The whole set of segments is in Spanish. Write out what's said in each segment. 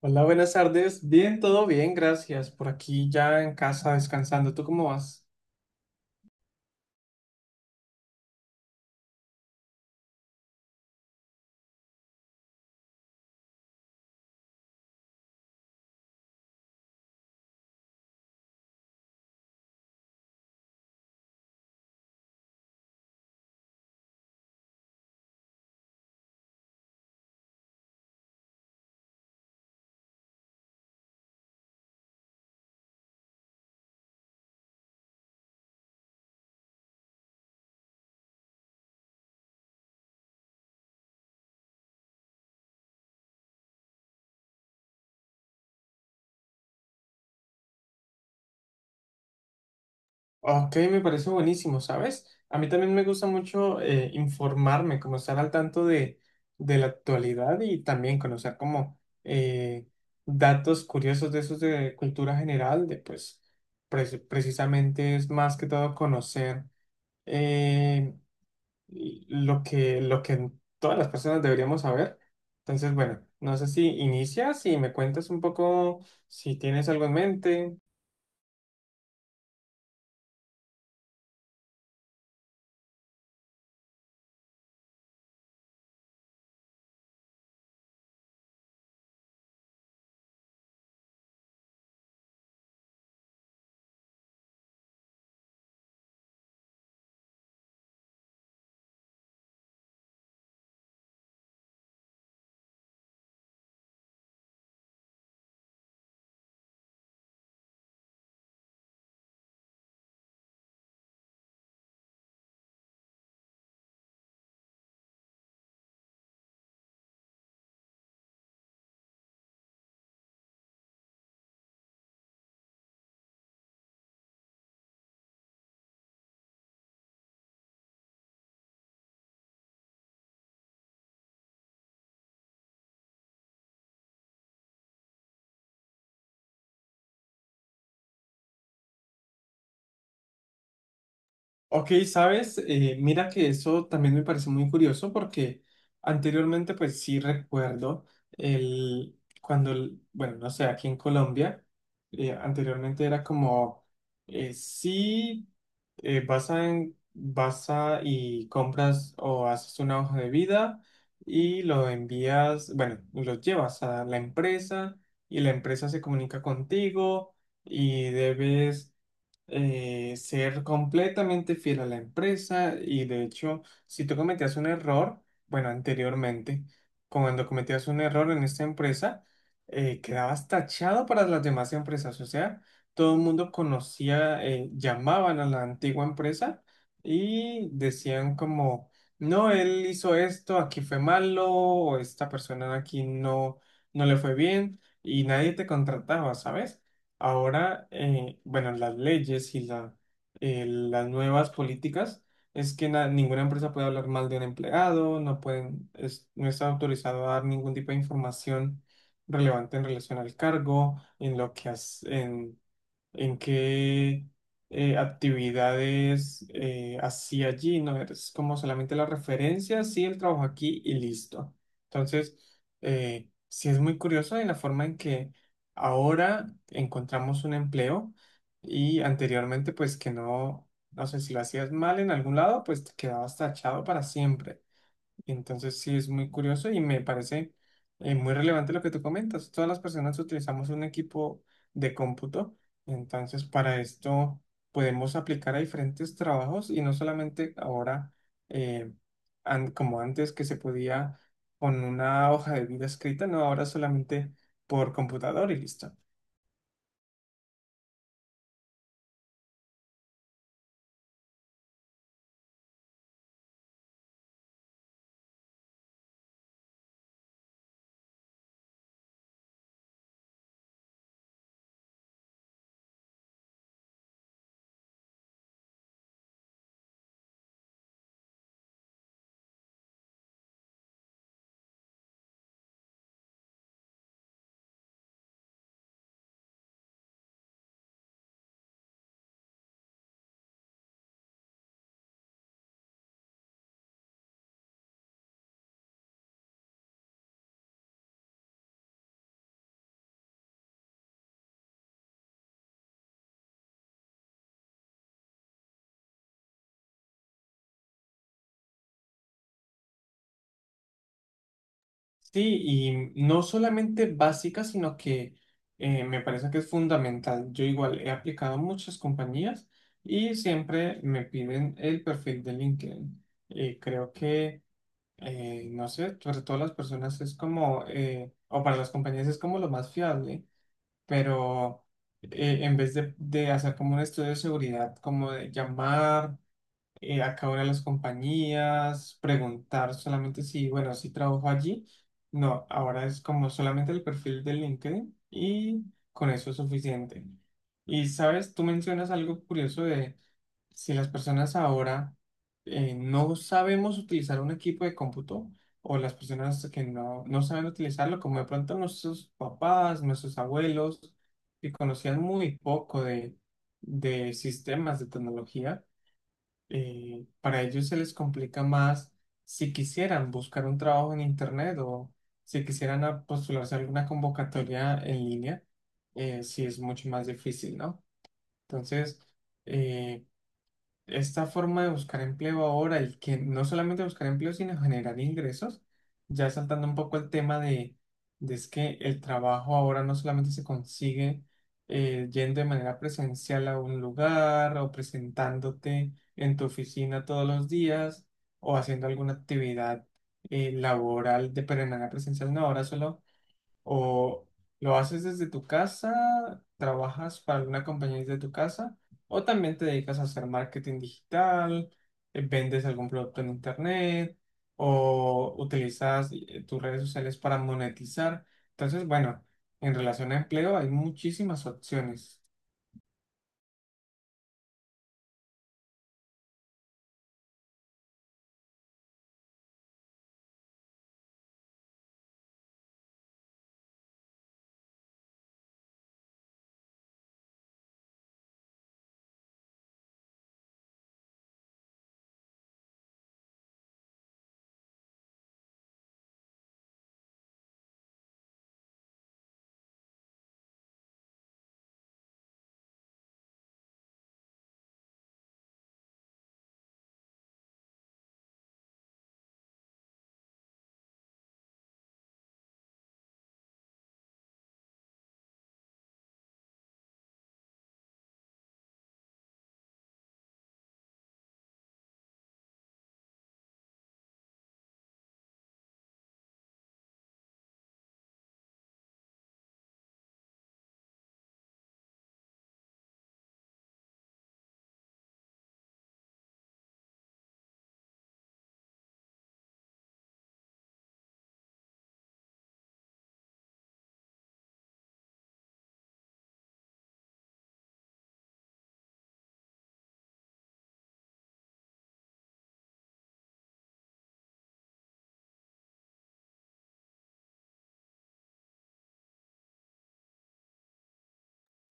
Hola, buenas tardes. Bien, todo bien, gracias. Por aquí ya en casa descansando. ¿Tú cómo vas? Ok, me parece buenísimo, ¿sabes? A mí también me gusta mucho informarme, como estar al tanto de la actualidad y también conocer como eh, datos curiosos de esos de cultura general, de pues precisamente es más que todo conocer. eh, y lo que todas las personas deberíamos saber. Entonces, bueno, no sé si inicias y me cuentas un poco si tienes algo en mente. Ok, sabes, mira que eso también me parece muy curioso porque anteriormente pues sí recuerdo bueno, no sé, aquí en Colombia, anteriormente era como, sí, vas a, vas a y compras o haces una hoja de vida y lo envías, bueno, lo llevas a la empresa y la empresa se comunica contigo y debes ser completamente fiel a la empresa. Y de hecho, si tú cometías un error, bueno, anteriormente, cuando cometías un error en esta empresa, quedabas tachado para las demás empresas. O sea, todo el mundo conocía, llamaban a la antigua empresa y decían como, no, él hizo esto, aquí fue malo, o esta persona aquí no, no le fue bien y nadie te contrataba, ¿sabes? Ahora, bueno, las leyes las nuevas políticas es que ninguna empresa puede hablar mal de un empleado, no pueden, no está autorizado a dar ningún tipo de información relevante en relación al cargo, en lo que ¿en qué actividades hacía allí? No es como solamente la referencia, sí, el trabajo aquí y listo. Entonces, sí es muy curioso en la forma en que ahora encontramos un empleo, y anteriormente, pues que no, no sé si lo hacías mal en algún lado, pues te quedabas tachado para siempre. Entonces sí es muy curioso y me parece muy relevante lo que tú comentas. Todas las personas utilizamos un equipo de cómputo, entonces para esto podemos aplicar a diferentes trabajos y no solamente ahora eh, como antes que se podía con una hoja de vida escrita, no, ahora solamente por computador y listo. Sí, y no solamente básica, sino que me parece que es fundamental. Yo igual he aplicado a muchas compañías y siempre me piden el perfil de LinkedIn. Y creo que, no sé, sobre todo las personas es como, o para las compañías es como lo más fiable, pero en vez de hacer como un estudio de seguridad, como de llamar a cada una de las compañías, preguntar solamente si, bueno, si trabajo allí. No, ahora es como solamente el perfil de LinkedIn y con eso es suficiente. Y sabes, tú mencionas algo curioso de si las personas ahora no sabemos utilizar un equipo de cómputo, o las personas que no, no saben utilizarlo, como de pronto nuestros papás, nuestros abuelos, que conocían muy poco de sistemas de tecnología. Para ellos se les complica más si quisieran buscar un trabajo en internet, o si quisieran postularse a alguna convocatoria en línea. Sí es mucho más difícil, ¿no? Entonces, eh, esta forma de buscar empleo ahora, y que no solamente buscar empleo, sino generar ingresos, ya saltando un poco el tema de, es que el trabajo ahora no solamente se consigue yendo de manera presencial a un lugar o presentándote en tu oficina todos los días o haciendo alguna actividad laboral, de pero de manera presencial, no, ahora solo o lo haces desde tu casa, trabajas para alguna compañía desde tu casa, o también te dedicas a hacer marketing digital, vendes algún producto en internet, o utilizas tus redes sociales para monetizar. Entonces, bueno, en relación a empleo hay muchísimas opciones.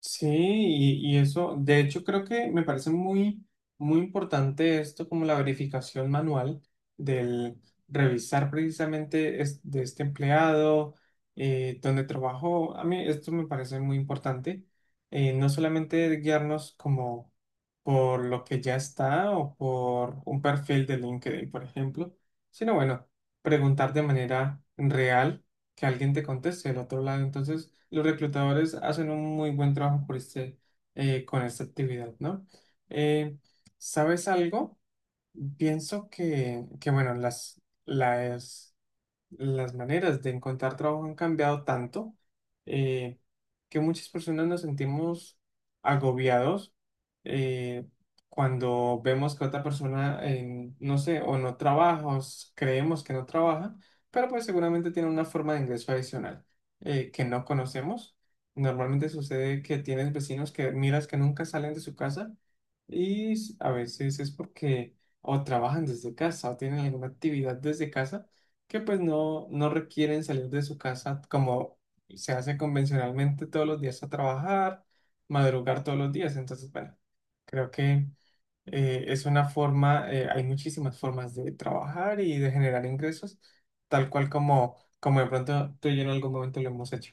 Sí, y eso, de hecho creo que me parece muy importante esto, como la verificación manual del revisar precisamente de este empleado, donde trabajó. A mí esto me parece muy importante, no solamente guiarnos como por lo que ya está o por un perfil de LinkedIn, por ejemplo, sino bueno, preguntar de manera real que alguien te conteste del otro lado. Entonces, los reclutadores hacen un muy buen trabajo por este, con esta actividad, ¿no? Eh, ¿Sabes algo? Pienso que bueno, las maneras de encontrar trabajo han cambiado tanto eh, que muchas personas nos sentimos agobiados eh, cuando vemos que otra persona, no sé, o no trabaja, o creemos que no trabaja, pero pues seguramente tiene una forma de ingreso adicional que no conocemos. Normalmente sucede que tienes vecinos que miras que nunca salen de su casa, y a veces es porque o trabajan desde casa o tienen alguna actividad desde casa que pues no, no requieren salir de su casa como se hace convencionalmente todos los días a trabajar, madrugar todos los días. Entonces, bueno, creo que es una forma, hay muchísimas formas de trabajar y de generar ingresos, tal cual como, como de pronto tú y yo en algún momento lo hemos hecho.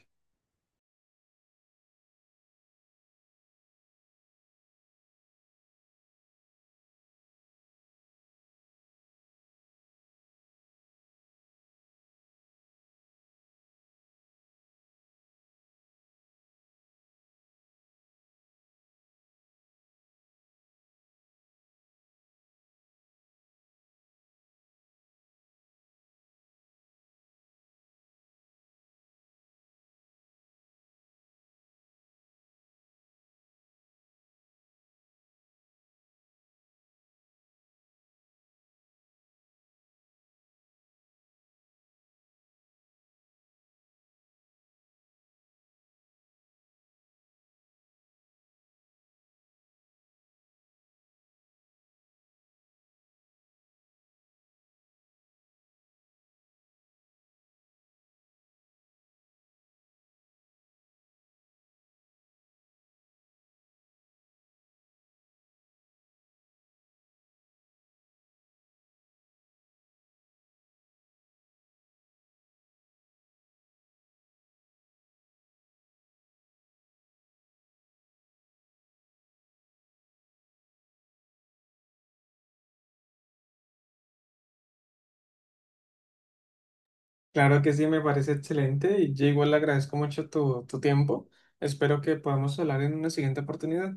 Claro que sí, me parece excelente y yo igual le agradezco mucho tu tiempo. Espero que podamos hablar en una siguiente oportunidad.